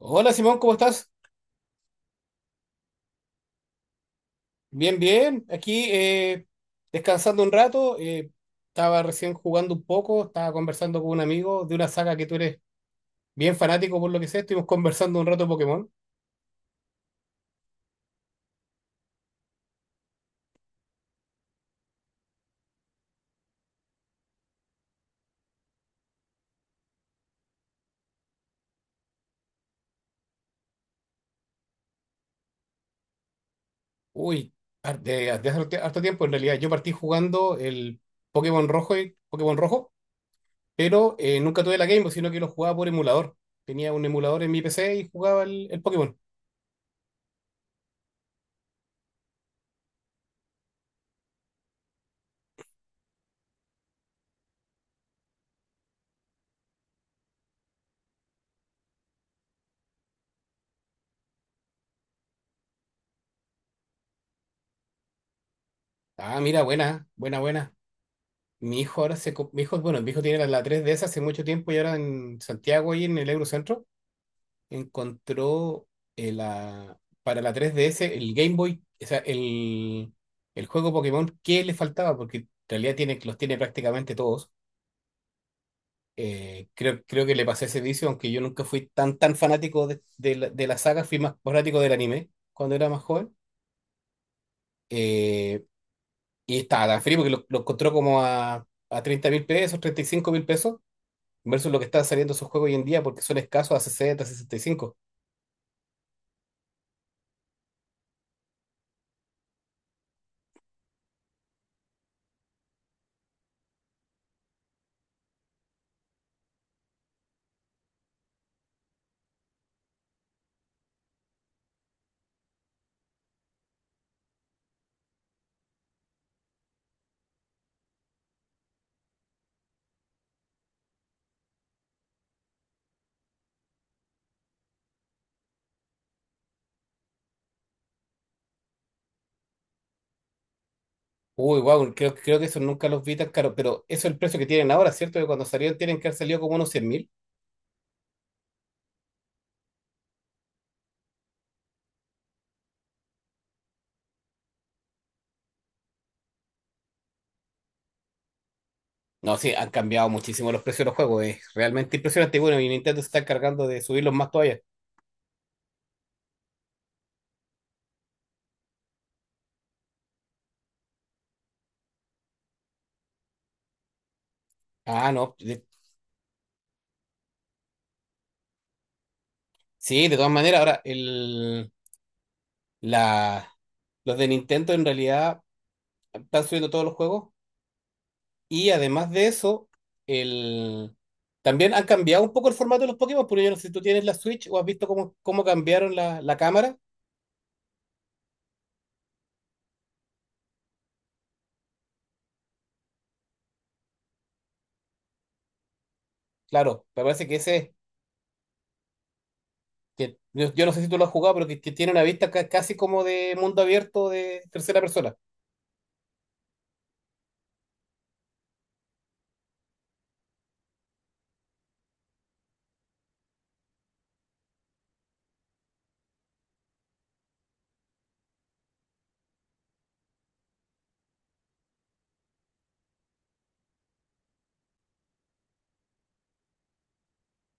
Hola Simón, ¿cómo estás? Bien, bien. Aquí descansando un rato. Estaba recién jugando un poco, estaba conversando con un amigo de una saga que tú eres bien fanático por lo que sé. Estuvimos conversando un rato de Pokémon. Uy, de hace harto tiempo en realidad. Yo partí jugando el Pokémon Rojo y Pokémon Rojo, pero nunca tuve la Game Boy, sino que lo jugaba por emulador. Tenía un emulador en mi PC y jugaba el Pokémon. Ah, mira, buena, buena, buena. Mi hijo ahora se... co- Mi hijo, bueno, mi hijo tiene la 3DS hace mucho tiempo y ahora en Santiago y en el Eurocentro encontró la, para la 3DS el Game Boy, o sea, el juego Pokémon que le faltaba, porque en realidad tiene, los tiene prácticamente todos. Creo que le pasé ese vicio, aunque yo nunca fui tan fanático de la saga, fui más fanático del anime cuando era más joven. Eh, y estaba tan frío porque lo encontró como a 30.000 pesos, 35.000 pesos versus lo que están saliendo esos juegos hoy en día porque son escasos a sesenta, sesenta y cinco. Uy, wow, creo que eso nunca los vi tan caros, pero eso es el precio que tienen ahora, ¿cierto? Que cuando salieron tienen que haber salido como unos 100.000. No, sí, han cambiado muchísimo los precios de los juegos, es realmente impresionante. Y bueno, y Nintendo se está encargando de subirlos más todavía. Ah, no, de- Sí, de todas maneras, ahora la, los de Nintendo en realidad están subiendo todos los juegos. Y además de eso, el... también han cambiado un poco el formato de los Pokémon, porque yo no sé si tú tienes la Switch o has visto cómo, cómo cambiaron la cámara. Claro, me parece que ese, que yo no sé si tú lo has jugado, pero que tiene una vista casi como de mundo abierto de tercera persona.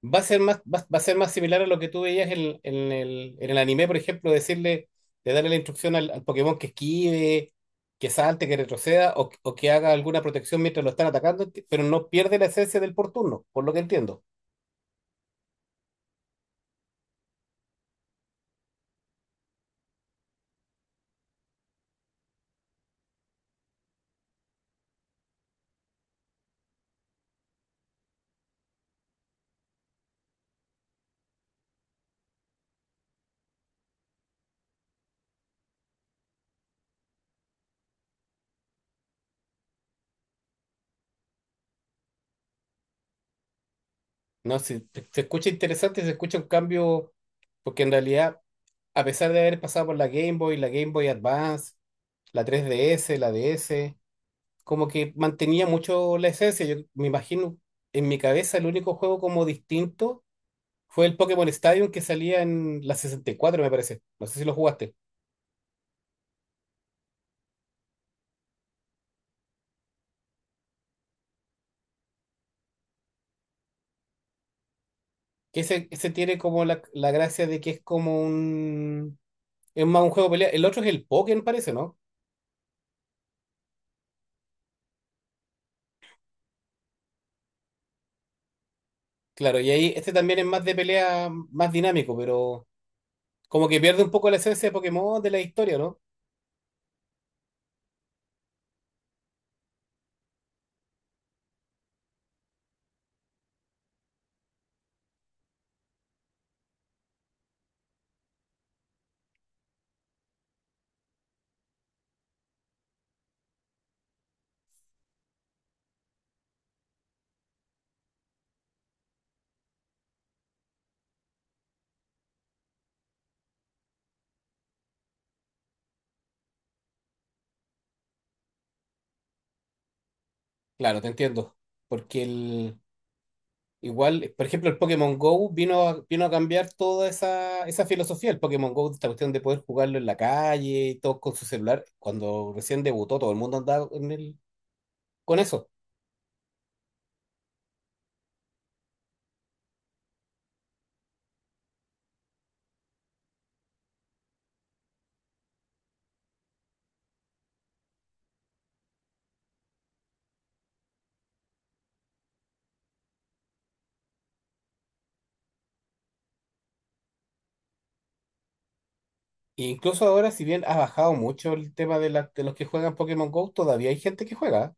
Va a ser más, va a ser más similar a lo que tú veías en el anime, por ejemplo, decirle, de darle la instrucción al Pokémon que esquive, que salte, que retroceda o que haga alguna protección mientras lo están atacando, pero no pierde la esencia del por turno, por lo que entiendo. No, sí, se escucha interesante, se escucha un cambio, porque en realidad, a pesar de haber pasado por la Game Boy Advance, la tres D S la D S como que mantenía mucho la esencia. Yo me imagino, en mi cabeza, el único juego como distinto fue el Pokémon Stadium que salía en la 64 me parece. No sé si lo jugaste. Que ese tiene como la gracia de que es como un... Es más un juego de pelea. El otro es el Pokémon, parece, ¿no? Claro, y ahí este también es más de pelea, más dinámico, pero... Como que pierde un poco la esencia de Pokémon de la historia, ¿no? Claro, te entiendo. Porque el, igual, por ejemplo, el Pokémon Go vino vino a cambiar toda esa, esa filosofía. El Pokémon Go, esta cuestión de poder jugarlo en la calle y todo con su celular. Cuando recién debutó, todo el mundo andaba con eso. E incluso ahora, si bien ha bajado mucho el tema de los que juegan Pokémon Go, todavía hay gente que juega.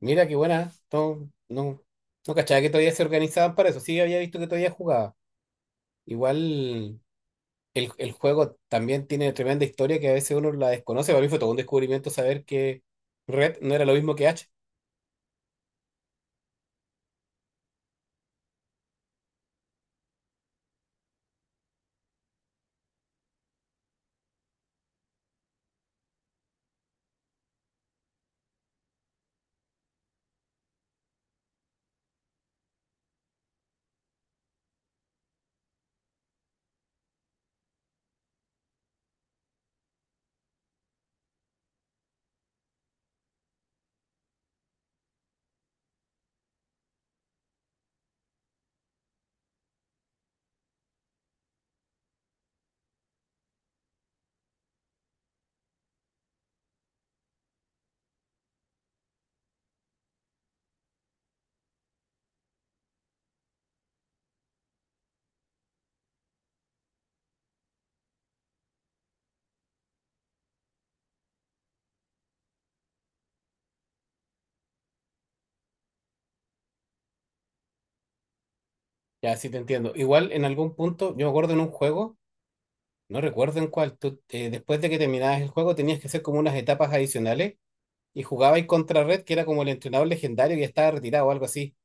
Mira qué buena. No, no, no cachaba que todavía se organizaban para eso. Sí, había visto que todavía jugaba. Igual, el juego también tiene tremenda historia que a veces uno la desconoce. Para mí fue todo un descubrimiento saber que Red no era lo mismo que H. Ya, sí te entiendo. Igual en algún punto, yo me acuerdo en un juego, no recuerdo en cuál, tú, después de que terminabas el juego tenías que hacer como unas etapas adicionales y jugabas contra Red, que era como el entrenador legendario que ya estaba retirado o algo así.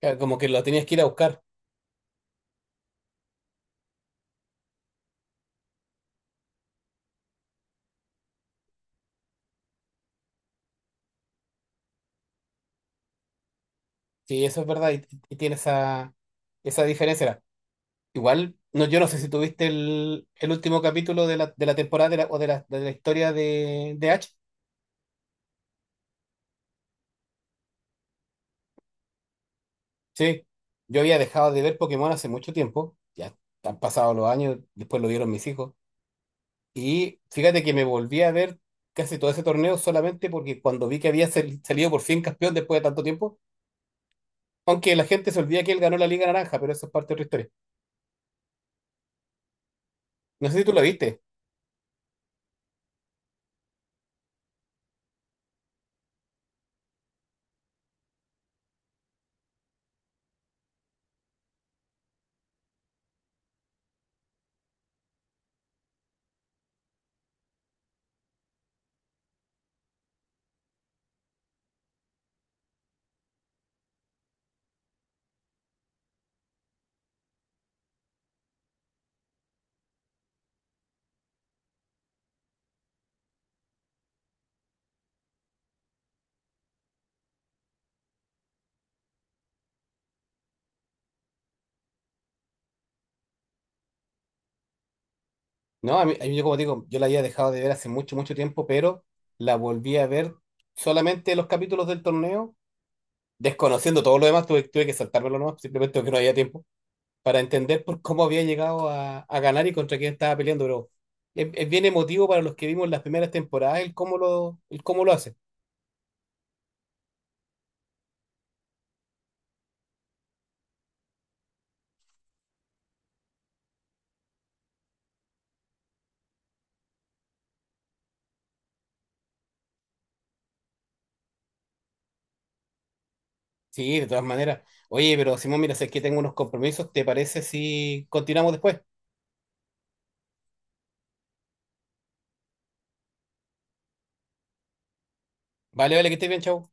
Claro, como que lo tenías que ir a buscar. Sí, eso es verdad y tiene esa diferencia. Igual, no, yo no sé si tuviste el último capítulo de la temporada de la historia de Ash. Sí, yo había dejado de ver Pokémon hace mucho tiempo, ya han pasado los años, después lo vieron mis hijos. Y fíjate que me volví a ver casi todo ese torneo solamente porque cuando vi que había salido por fin campeón después de tanto tiempo, aunque la gente se olvida que él ganó la Liga Naranja, pero eso es parte de otra historia. No sé si tú la viste. No, a mí, yo como digo, yo la había dejado de ver hace mucho, mucho tiempo, pero la volví a ver solamente los capítulos del torneo, desconociendo todo lo demás, tuve que saltármelo nomás, simplemente porque no había tiempo, para entender por cómo había llegado a ganar y contra quién estaba peleando, pero es bien emotivo para los que vimos las primeras temporadas el cómo el cómo lo hace. Sí, de todas maneras. Oye, pero Simón, mira, sé que tengo unos compromisos, ¿te parece si continuamos después? Vale, vale, que estés bien, chao.